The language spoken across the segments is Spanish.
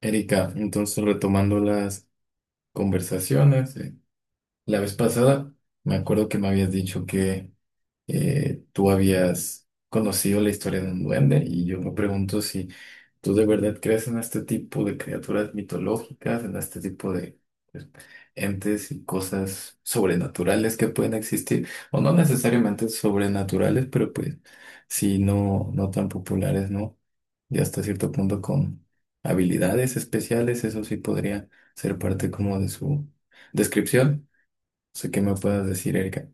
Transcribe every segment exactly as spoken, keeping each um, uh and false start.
Erika, entonces retomando las conversaciones, eh, la vez pasada me acuerdo que me habías dicho que eh, tú habías conocido la historia de un duende y yo me pregunto si tú de verdad crees en este tipo de criaturas mitológicas, en este tipo de pues, entes y cosas sobrenaturales que pueden existir, o no necesariamente sobrenaturales, pero pues sí no, no tan populares, ¿no? Ya hasta cierto punto con habilidades especiales, eso sí podría ser parte como de su descripción. No sé qué me puedas decir, Erika.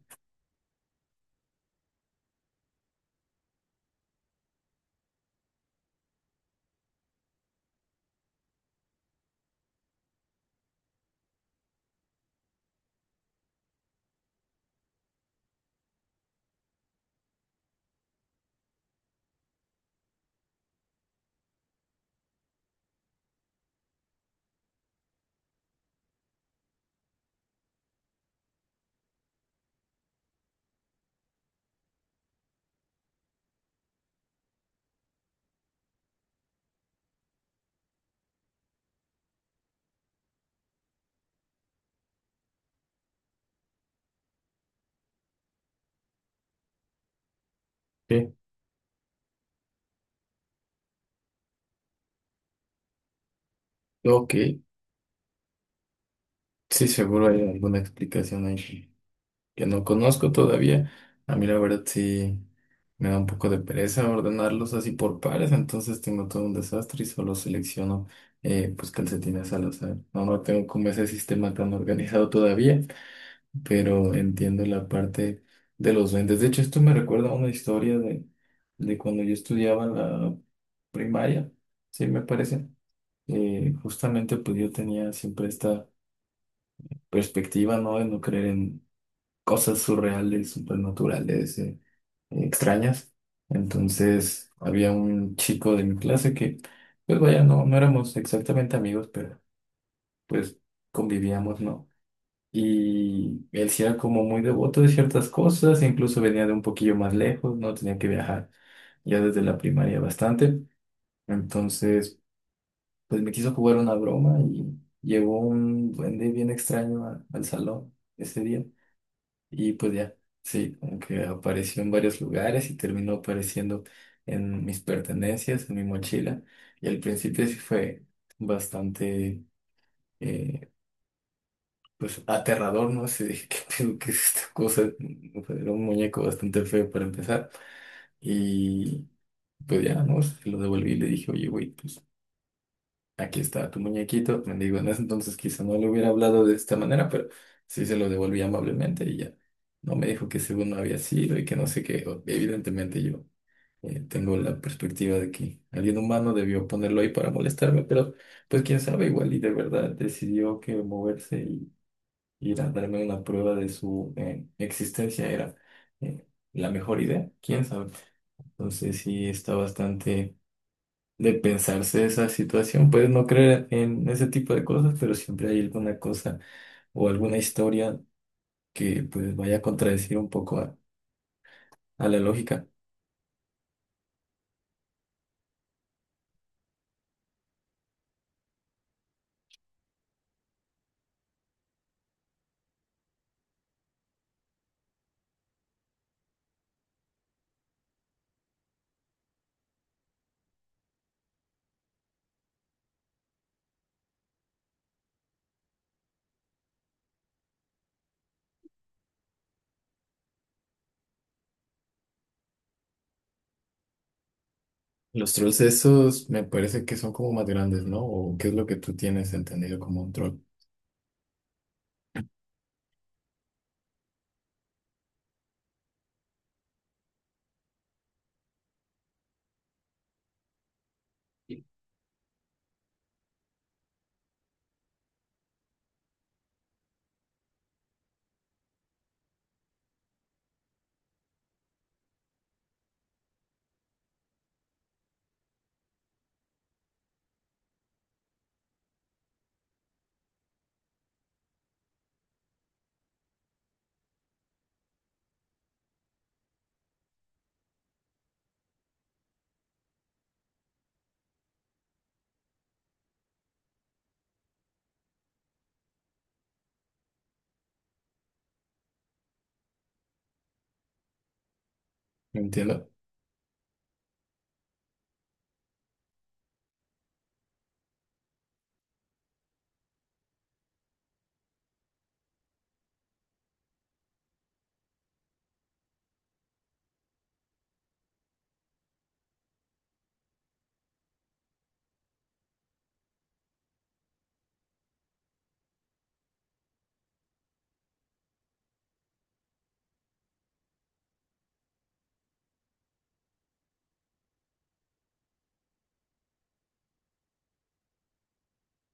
Sí. Ok, sí, seguro hay alguna explicación ahí que que no conozco todavía. A mí la verdad sí me da un poco de pereza ordenarlos así por pares, entonces tengo todo un desastre y solo selecciono eh, pues calcetines al azar. No, no tengo como ese sistema tan organizado todavía, pero entiendo la parte de los duendes. De hecho, esto me recuerda a una historia de, de cuando yo estudiaba en la primaria, sí, me parece. Eh, justamente, pues yo tenía siempre esta perspectiva, ¿no? De no creer en cosas surreales, supernaturales, eh, extrañas. Entonces, había un chico de mi clase que, pues vaya, no, no éramos exactamente amigos, pero pues convivíamos, ¿no? Y él sí era como muy devoto de ciertas cosas, incluso venía de un poquillo más lejos, no tenía que viajar ya desde la primaria bastante. Entonces, pues me quiso jugar una broma y llegó un duende bien extraño a- al salón ese día. Y pues ya, sí, como que apareció en varios lugares y terminó apareciendo en mis pertenencias, en mi mochila. Y al principio sí fue bastante... eh, pues aterrador, ¿no? Así dije, ¿qué pedo, qué es esta cosa? Pues, era un muñeco bastante feo para empezar. Y pues ya, ¿no? Se lo devolví y le dije, oye, güey, pues aquí está tu muñequito. Me digo, en ese entonces quizá no le hubiera hablado de esta manera, pero sí se lo devolví amablemente y ya. No me dijo que según no había sido y que no sé qué. O- Evidentemente yo eh, tengo la perspectiva de que alguien humano debió ponerlo ahí para molestarme, pero pues quién sabe, igual y de verdad decidió que moverse ir a darme una prueba de su eh, existencia era eh, la mejor idea, quién sabe. Entonces sí está bastante de pensarse esa situación. Puedes no creer en ese tipo de cosas, pero siempre hay alguna cosa o alguna historia que pues vaya a contradecir un poco a, a la lógica. Los trolls esos me parece que son como más grandes, ¿no? ¿O qué es lo que tú tienes entendido como un troll? ¿Entiendo?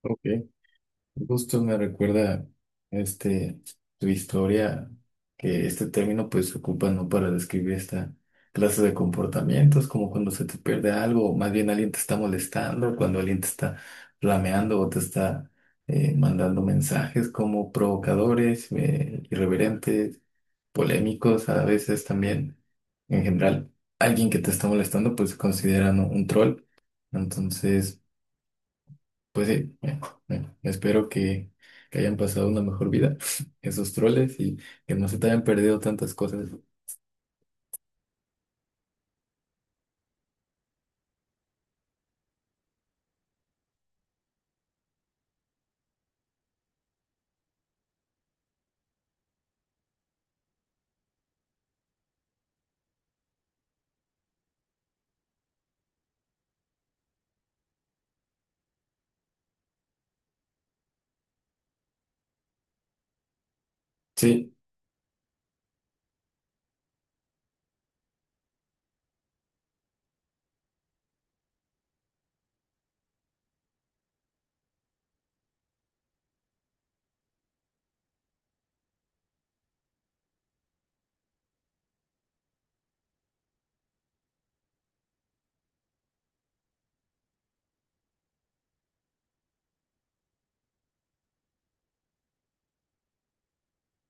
Ok. Justo me recuerda este, tu historia, que este término pues se ocupa no para describir esta clase de comportamientos, como cuando se te pierde algo, o más bien alguien te está molestando, cuando alguien te está flameando o te está eh, mandando mensajes como provocadores, eh, irreverentes, polémicos, a veces también en general. Alguien que te está molestando pues se considera, ¿no?, un troll. Entonces... Pues sí, bueno, bueno, espero que, que hayan pasado una mejor vida esos troles y que no se te hayan perdido tantas cosas. Sí,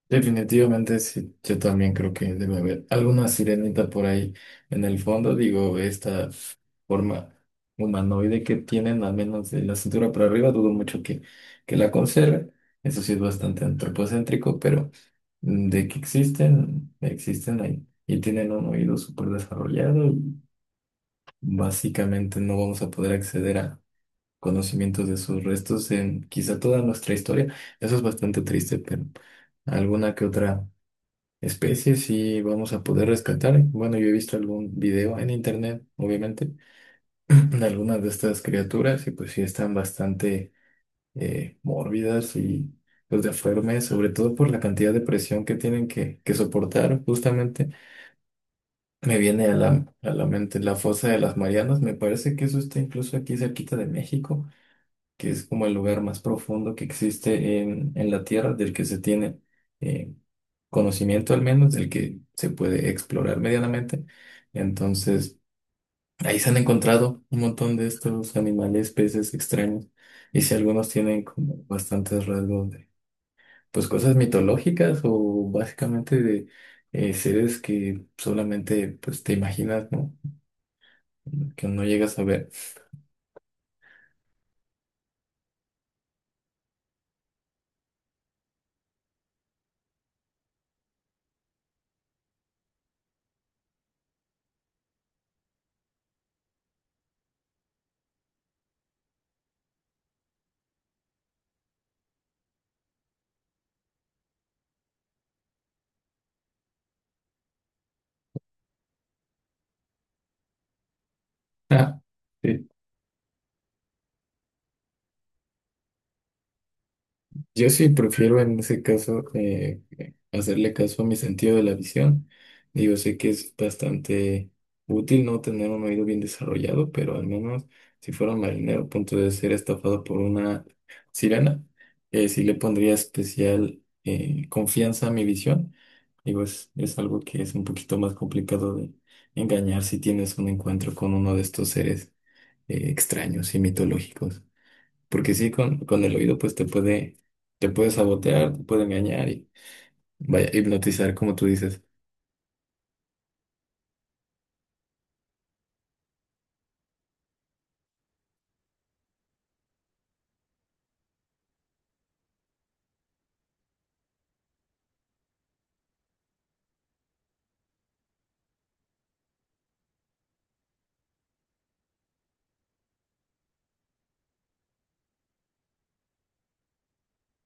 definitivamente sí. Yo también creo que debe haber alguna sirenita por ahí en el fondo. Digo, esta forma humanoide que tienen, al menos de la cintura para arriba, dudo mucho que, que la conserven. Eso sí es bastante antropocéntrico, pero mm, de que existen, existen ahí. Y tienen un oído súper desarrollado. Básicamente no vamos a poder acceder a conocimientos de sus restos en quizá toda nuestra historia. Eso es bastante triste, pero alguna que otra especie sí vamos a poder rescatar. Bueno, yo he visto algún video en internet, obviamente, de algunas de estas criaturas y pues sí están bastante eh, mórbidas y pues deformes, sobre todo por la cantidad de presión que tienen que, que soportar justamente. Me viene a la, a la mente la fosa de las Marianas, me parece que eso está incluso aquí cerquita de México, que es como el lugar más profundo que existe en, en la Tierra, del que se tiene eh, conocimiento al menos, del que se puede explorar medianamente. Entonces, ahí se han encontrado un montón de estos animales, peces extraños, y si algunos tienen como bastantes rasgos de, pues cosas mitológicas o básicamente de eh, seres que solamente pues te imaginas, ¿no? Que no llegas a ver. Sí. Yo sí prefiero en ese caso eh, hacerle caso a mi sentido de la visión. Digo, sé que es bastante útil no tener un oído bien desarrollado, pero al menos si fuera marinero a punto de ser estafado por una sirena, eh, sí le pondría especial eh, confianza a mi visión. Digo, es, es algo que es un poquito más complicado de engañar si tienes un encuentro con uno de estos seres eh, extraños y mitológicos. Porque sí, con, con el oído pues te puede, te puede sabotear, te puede engañar y vaya, hipnotizar, como tú dices.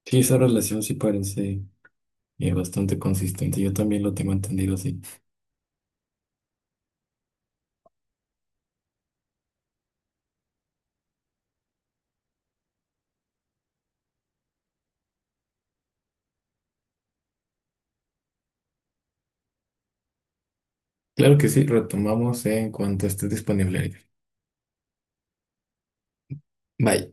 Sí, esa relación sí parece eh, bastante consistente. Yo también lo tengo entendido así. Claro que sí, retomamos en cuanto estés disponible, Erika. Bye.